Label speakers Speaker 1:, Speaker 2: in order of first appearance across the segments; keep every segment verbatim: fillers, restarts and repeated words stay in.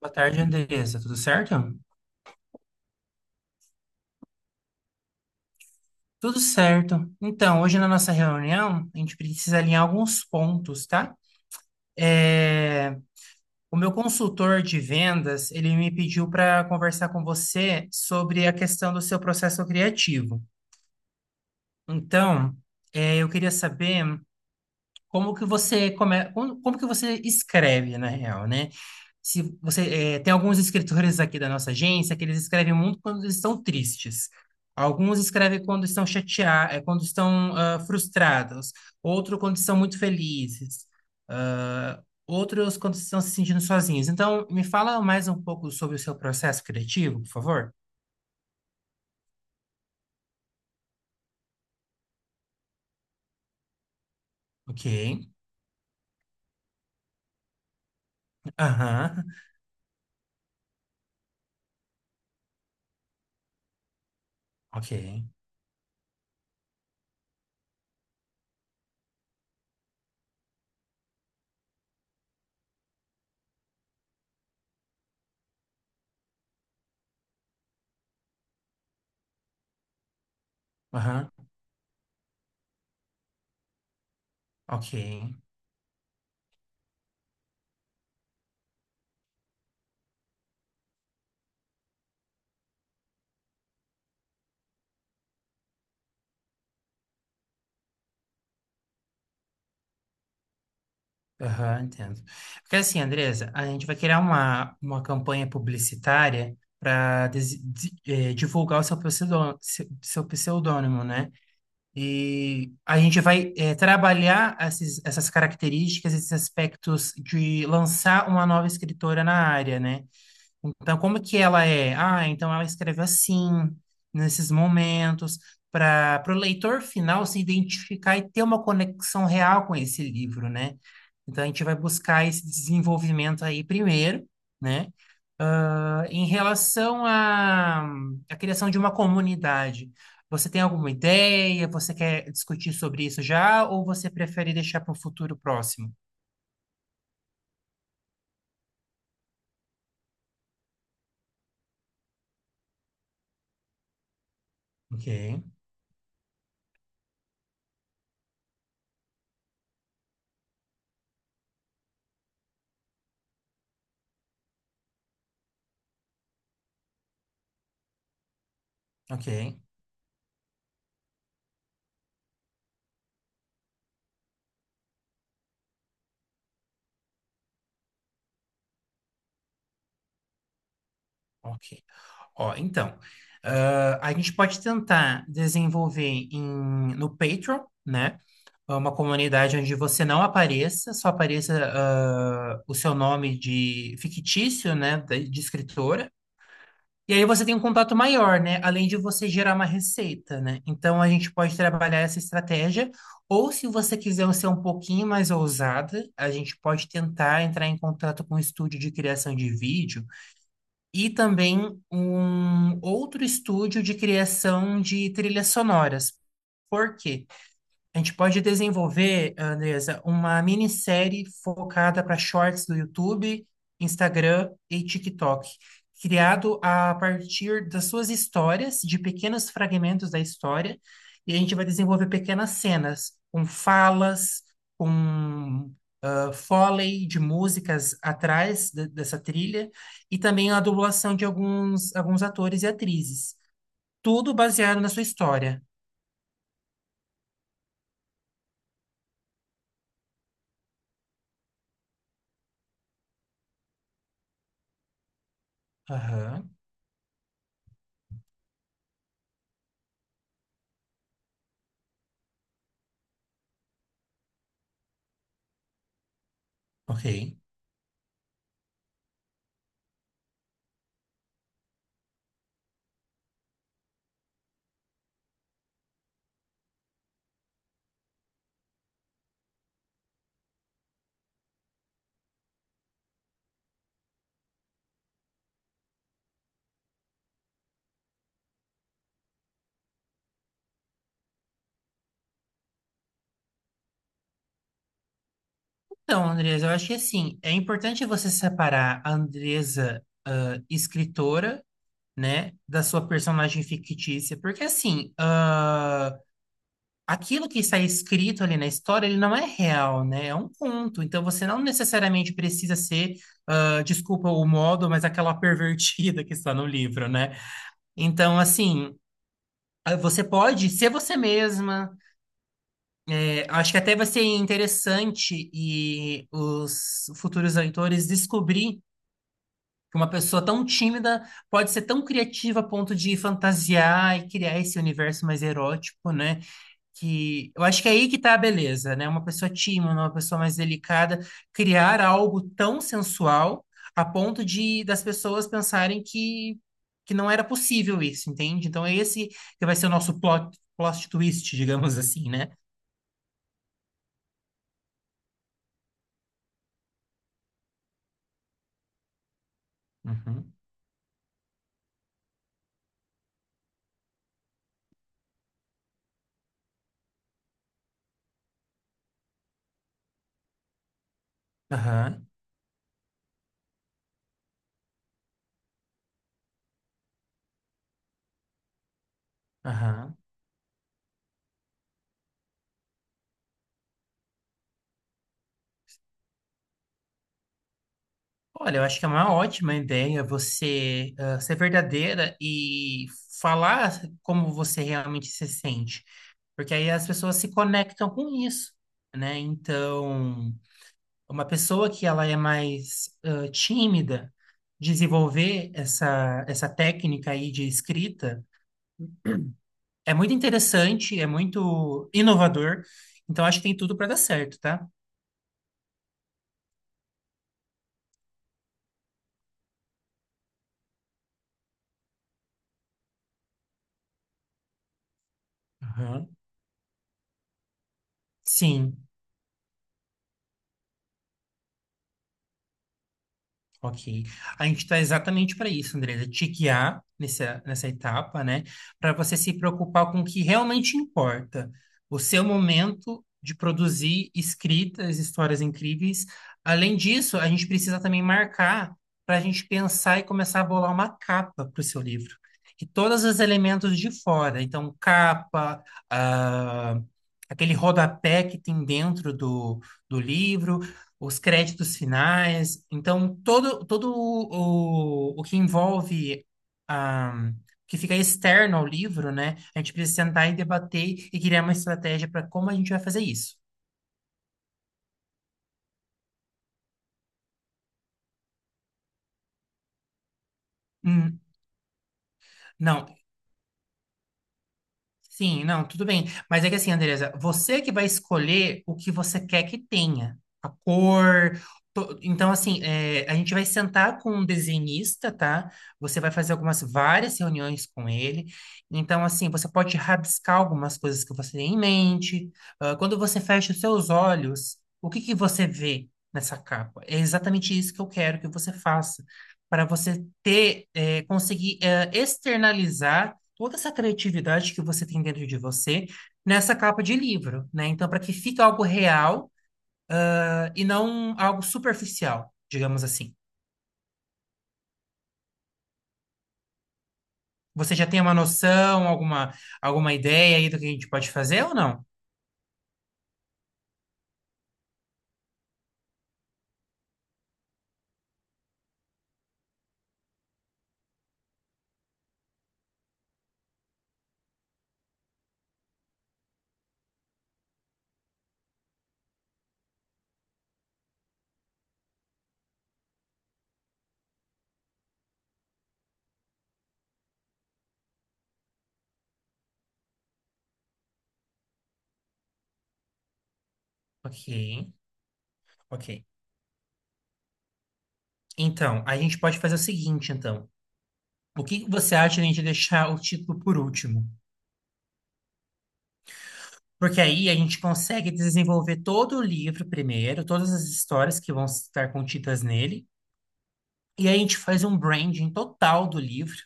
Speaker 1: Boa tarde, Andressa. Tudo certo? Tudo certo. Então, hoje na nossa reunião, a gente precisa alinhar alguns pontos, tá? É, O meu consultor de vendas, ele me pediu para conversar com você sobre a questão do seu processo criativo. Então, é, eu queria saber como que você come, como, como que você escreve, na real, né? Se você eh, tem alguns escritores aqui da nossa agência que eles escrevem muito quando eles estão tristes. Alguns escrevem quando estão chateados, quando estão ah, frustrados. Outro quando estão muito felizes. Ah, outros quando estão se sentindo sozinhos. Então, me fala mais um pouco sobre o seu processo criativo, por favor. Ok. Aham. Ok. Aham. Ok. Aham, entendo. Porque assim, Andresa, a gente vai criar uma, uma campanha publicitária para divulgar o seu pseudônimo, seu, seu pseudônimo, né? E a gente vai eh, trabalhar esses, essas características, esses aspectos de lançar uma nova escritora na área, né? Então, como que ela é? Ah, então ela escreve assim, nesses momentos, para o leitor final se identificar e ter uma conexão real com esse livro, né? Então, a gente vai buscar esse desenvolvimento aí primeiro, né? Ah, em relação à à criação de uma comunidade, você tem alguma ideia? Você quer discutir sobre isso já? Ou você prefere deixar para o futuro próximo? Ok, ok, ok. Ó, então, ah, a gente pode tentar desenvolver em, no Patreon, né? Uma comunidade onde você não apareça, só apareça ah, o seu nome de fictício, né? da- De escritora. E aí você tem um contato maior, né? Além de você gerar uma receita, né? Então a gente pode trabalhar essa estratégia. Ou se você quiser ser um pouquinho mais ousada, a gente pode tentar entrar em contato com um estúdio de criação de vídeo e também um outro estúdio de criação de trilhas sonoras. Por quê? A gente pode desenvolver, Andresa, uma minissérie focada para shorts do YouTube, Instagram e TikTok, criado a partir das suas histórias, de pequenos fragmentos da história, e a gente vai desenvolver pequenas cenas, com falas, com ah, foley de músicas atrás de- dessa trilha, e também a dublagem de alguns, alguns atores e atrizes. Tudo baseado na sua história. Aham, ok. Então, Andresa, eu acho que assim, é importante você separar a Andresa, ah, escritora, né, da sua personagem fictícia, porque assim, ah, aquilo que está escrito ali na história, ele não é real, né? É um conto, então você não necessariamente precisa ser, ah, desculpa o modo, mas aquela pervertida que está no livro, né? Então, assim, ah, você pode ser você mesma, é, acho que até vai ser interessante e os futuros leitores descobrir que uma pessoa tão tímida pode ser tão criativa a ponto de fantasiar e criar esse universo mais erótico, né? Que eu acho que é aí que tá a beleza, né? Uma pessoa tímida, uma pessoa mais delicada, criar algo tão sensual a ponto de das pessoas pensarem que que não era possível isso, entende? Então é esse que vai ser o nosso plot, plot twist, digamos assim, né? Uhum. Aham, aham. Olha, eu acho que é uma ótima ideia você ah, ser verdadeira e falar como você realmente se sente, porque aí as pessoas se conectam com isso, né? Então, uma pessoa que ela é mais ah, tímida, desenvolver essa, essa técnica aí de escrita é muito interessante, é muito inovador, então acho que tem tudo para dar certo, tá? Aham. Sim. Ok. A gente está exatamente para isso, Andresa, te guiar nessa, nessa etapa, né? Para você se preocupar com o que realmente importa. O seu momento de produzir escritas, histórias incríveis. Além disso, a gente precisa também marcar para a gente pensar e começar a bolar uma capa para o seu livro. E todos os elementos de fora. Então, capa, ah, aquele rodapé que tem dentro do, do livro os créditos finais. Então, todo, todo o, o, o que envolve, ah, que fica externo ao livro, né? A gente precisa sentar e debater e criar uma estratégia para como a gente vai fazer isso. Hum, não, Sim, não, tudo bem. Mas é que assim, Andresa, você que vai escolher o que você quer que tenha. A cor. to- Então, assim, é, a gente vai sentar com um desenhista, tá? Você vai fazer algumas, várias reuniões com ele. Então, assim, você pode rabiscar algumas coisas que você tem em mente. Ah, quando você fecha os seus olhos, o que que você vê nessa capa? É exatamente isso que eu quero que você faça. Para você ter, eh, conseguir, eh, externalizar toda essa criatividade que você tem dentro de você nessa capa de livro, né? Então, para que fique algo real, ah, e não algo superficial, digamos assim. Você já tem uma noção, alguma, alguma ideia aí do que a gente pode fazer ou não? Ok, ok. Então, a gente pode fazer o seguinte, então. O que que você acha de a gente deixar o título por último? Porque aí a gente consegue desenvolver todo o livro primeiro, todas as histórias que vão estar contidas nele, e aí a gente faz um branding total do livro,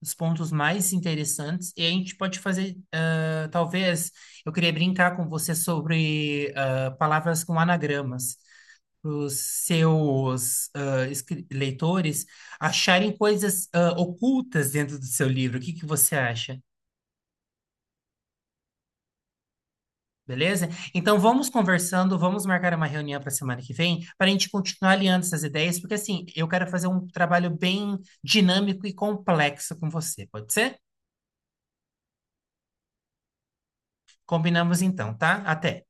Speaker 1: os pontos mais interessantes, e a gente pode fazer, ah, talvez, eu queria brincar com você sobre ah, palavras com anagramas, para os seus ah, escri- leitores acharem coisas ah, ocultas dentro do seu livro. O que que você acha? Beleza? Então vamos conversando, vamos marcar uma reunião para semana que vem para a gente continuar alinhando essas ideias, porque assim, eu quero fazer um trabalho bem dinâmico e complexo com você, pode ser? Combinamos então, tá? Até.